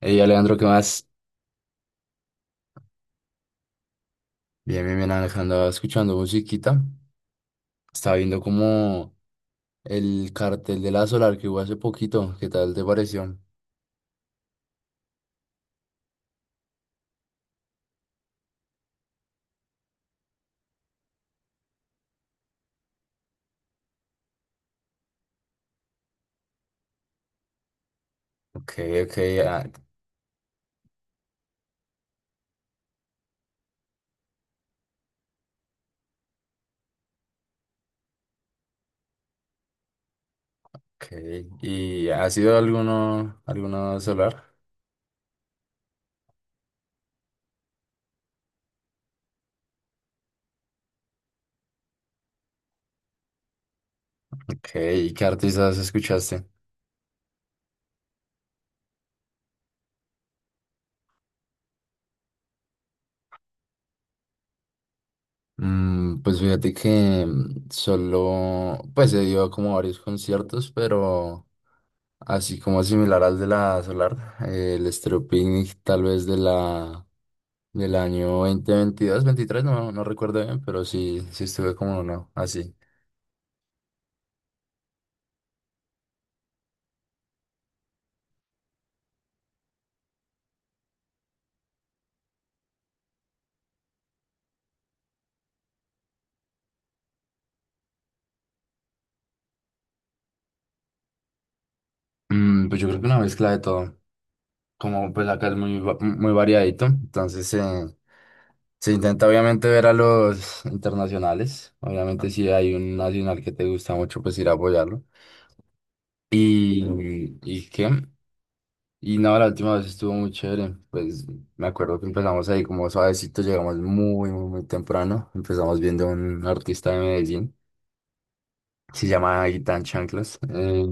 Ey, Alejandro, ¿qué más? Bien, bien, bien, Alejandro, andaba escuchando musiquita. Estaba viendo como el cartel de la Solar que hubo hace poquito. ¿Qué tal te pareció? Ok, ok, ah, ok. ¿Y ha sido alguno, alguno Solar? Ok, ¿y qué artistas escuchaste? Mm, pues fíjate que solo, pues se dio como varios conciertos, pero así como similar al de la Solar, el Estéreo Picnic tal vez de la Del año 2022, 23, no recuerdo bien, pero sí, sí estuve como uno, así. Mm, pues yo creo que una mezcla de todo. Como pues acá es muy, muy variadito, entonces se intenta obviamente ver a los internacionales. Obviamente si hay un nacional que te gusta mucho, pues ir a apoyarlo. ¿Y qué? Y no, la última vez estuvo muy chévere. Pues me acuerdo que empezamos ahí como suavecito, llegamos muy, muy, muy temprano. Empezamos viendo a un artista de Medellín. Se llama Guitar Chanclas.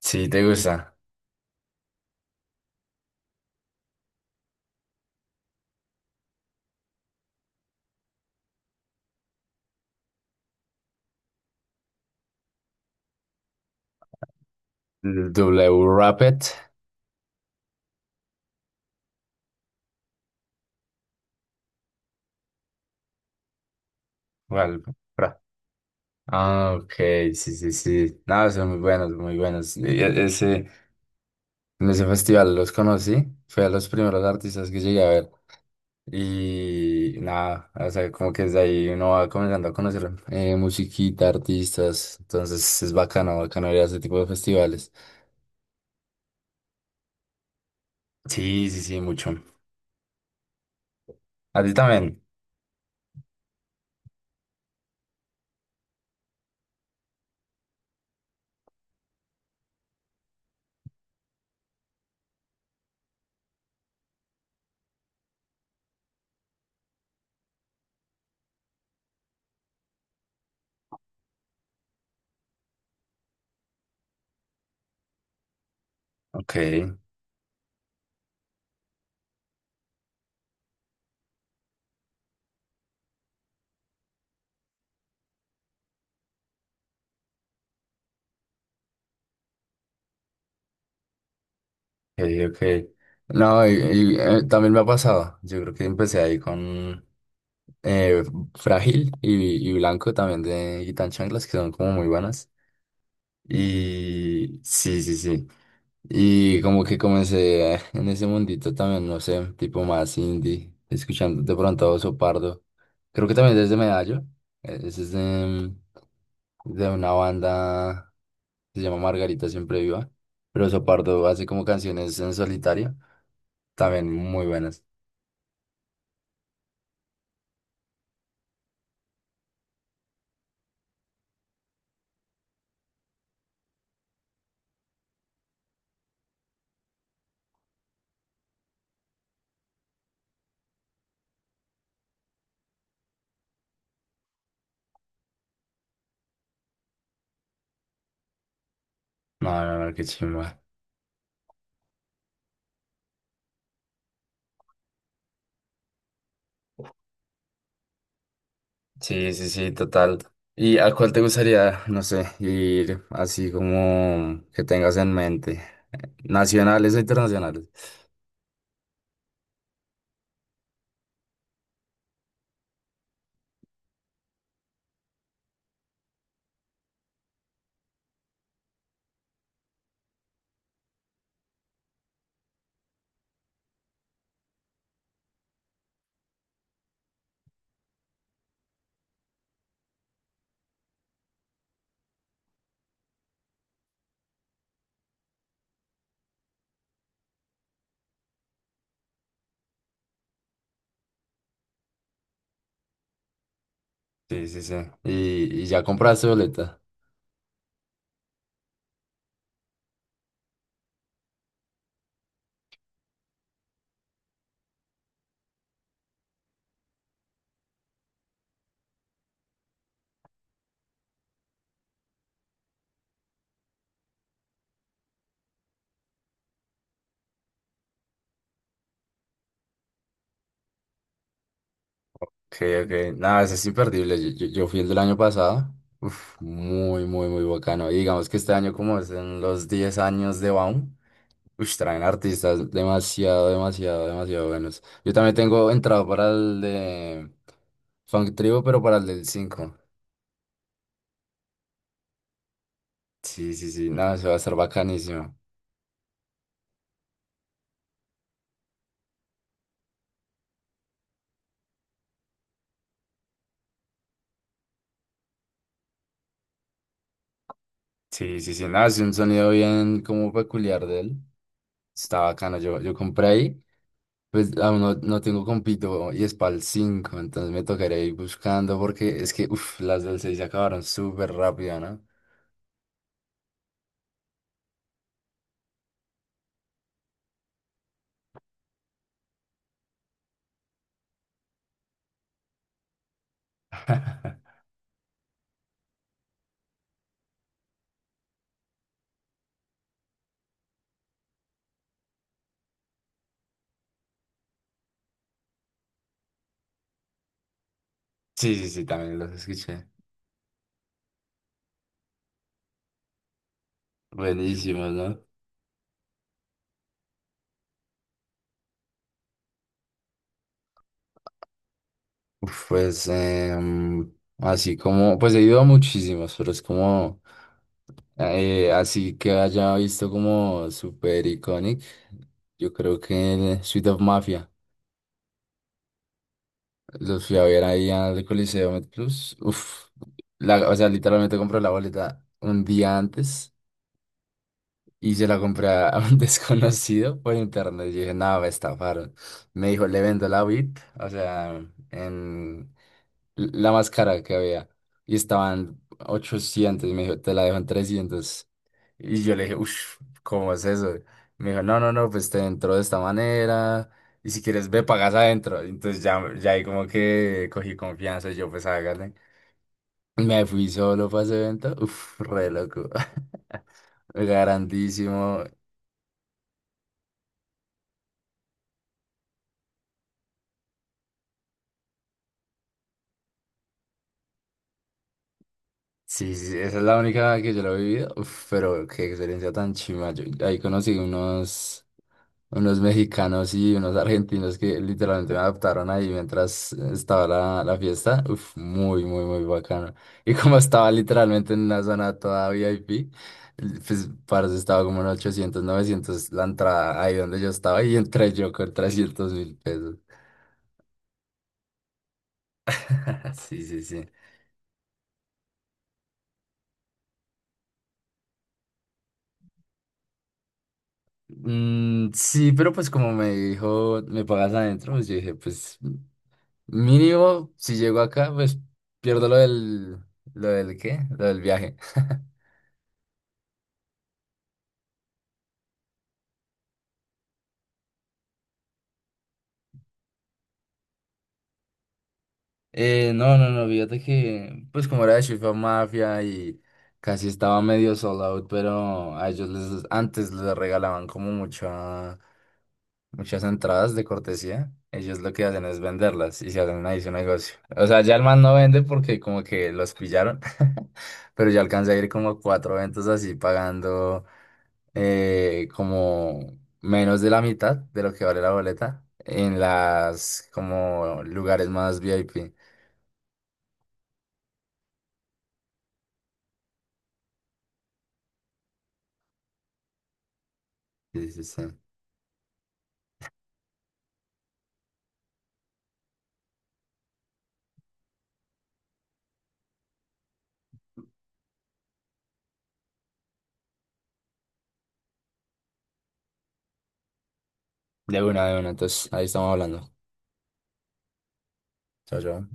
Sí, te gusta. W Rapid. Well, ra- ah, ok, sí, sí, sí. No, son muy buenos, muy buenos. Y ese, en ese festival los conocí. Fue a los primeros artistas que llegué a ver. Y nada, o sea, como que desde ahí uno va comenzando a conocer musiquita, artistas. Entonces es bacano, bacano ir a ese tipo de festivales. Sí, sí, sí, mucho. A ti también. Ok. Okay, okay. No, y, también me ha pasado. Yo creo que empecé ahí con eh, Frágil y Blanco también de Guitar Chanclas, que son como muy buenas. Y sí, sí, sí. Y como que comencé en ese mundito también, no sé, tipo más indie, escuchando de pronto a Oso Pardo. Creo que también desde Medallo. Ese es de una banda que se llama Margarita Siempre Viva. Pero Oso Pardo hace como canciones en solitario, también muy buenas. No, no, no, qué chimba. Sí, sí, sí, total. ¿Y a cuál te gustaría, no sé, ir así como que tengas en mente? ¿Nacionales o internacionales? Sí, sí, sí. Y ya compraste boleta. Ok, ok. Nada, ese es imperdible. Yo fui el del año pasado. Uf, muy, muy, muy bacano. Y digamos que este año, como es en los 10 años de Baum, ush, traen artistas demasiado, demasiado, demasiado buenos. Yo también tengo entrado para el de Funk Tribu, pero para el del cinco. Sí, sí, sí. Nada, se va a estar bacanísimo. Sí, sí, sí. Nada, es un sonido bien como peculiar de él. Está bacano. Yo compré ahí. Pues aún no, no tengo compito y es para el 5, entonces me tocaría ir buscando porque es que uf, las del 6 se acabaron súper rápido, ¿no? Sí, sí, sí, también los escuché. Buenísimos, ¿no? Uf, pues así como, pues he ido a muchísimos, pero es como, así que haya visto como super iconic, yo creo que Suite of Mafia, los fui a ver ahí al Coliseo Met Plus, uf, la, o sea, literalmente compré la boleta un día antes. Y se la compré a un desconocido por internet. Yo dije, no, me estafaron. Me dijo, le vendo la bit, o sea, en la más cara que había. Y estaban 800. Y me dijo, te la dejo en 300. Y yo le dije, uff, ¿cómo es eso? Me dijo, no, no, no, pues te entró de esta manera. Y si quieres, ve, pagas adentro. Y entonces ya, ya ahí como que cogí confianza. Y yo, pues hágale. Me fui solo para ese evento. Uff, re loco. Grandísimo. Sí, sí, sí, esa es la única que yo la he vivido. Uf, pero qué experiencia tan chima. Yo ahí conocí unos, unos mexicanos y unos argentinos que literalmente me adoptaron ahí mientras estaba la, la fiesta. Uf, muy, muy, muy bacano. Y como estaba literalmente en una zona toda VIP, pues parece estaba como en 800 900 la entrada ahí donde yo estaba y entré yo con 300.000 pesos. Sí, sí, sí. Mm, sí, pero pues como me dijo, me pagas adentro, pues yo dije, pues. Mínimo, si llego acá, pues pierdo lo del qué, lo del viaje. No, no, no, fíjate que, pues como era de Chifa Mafia y casi estaba medio sold out, pero a ellos les, antes les regalaban como mucha, muchas entradas de cortesía, ellos lo que hacen es venderlas y se hacen ahí su negocio. O sea, ya el man no vende porque como que los pillaron, pero ya alcancé a ir como a 4 eventos así pagando como menos de la mitad de lo que vale la boleta en las como lugares más VIP. Sí, sí, sí. De una, entonces ahí estamos hablando. Chao, chao.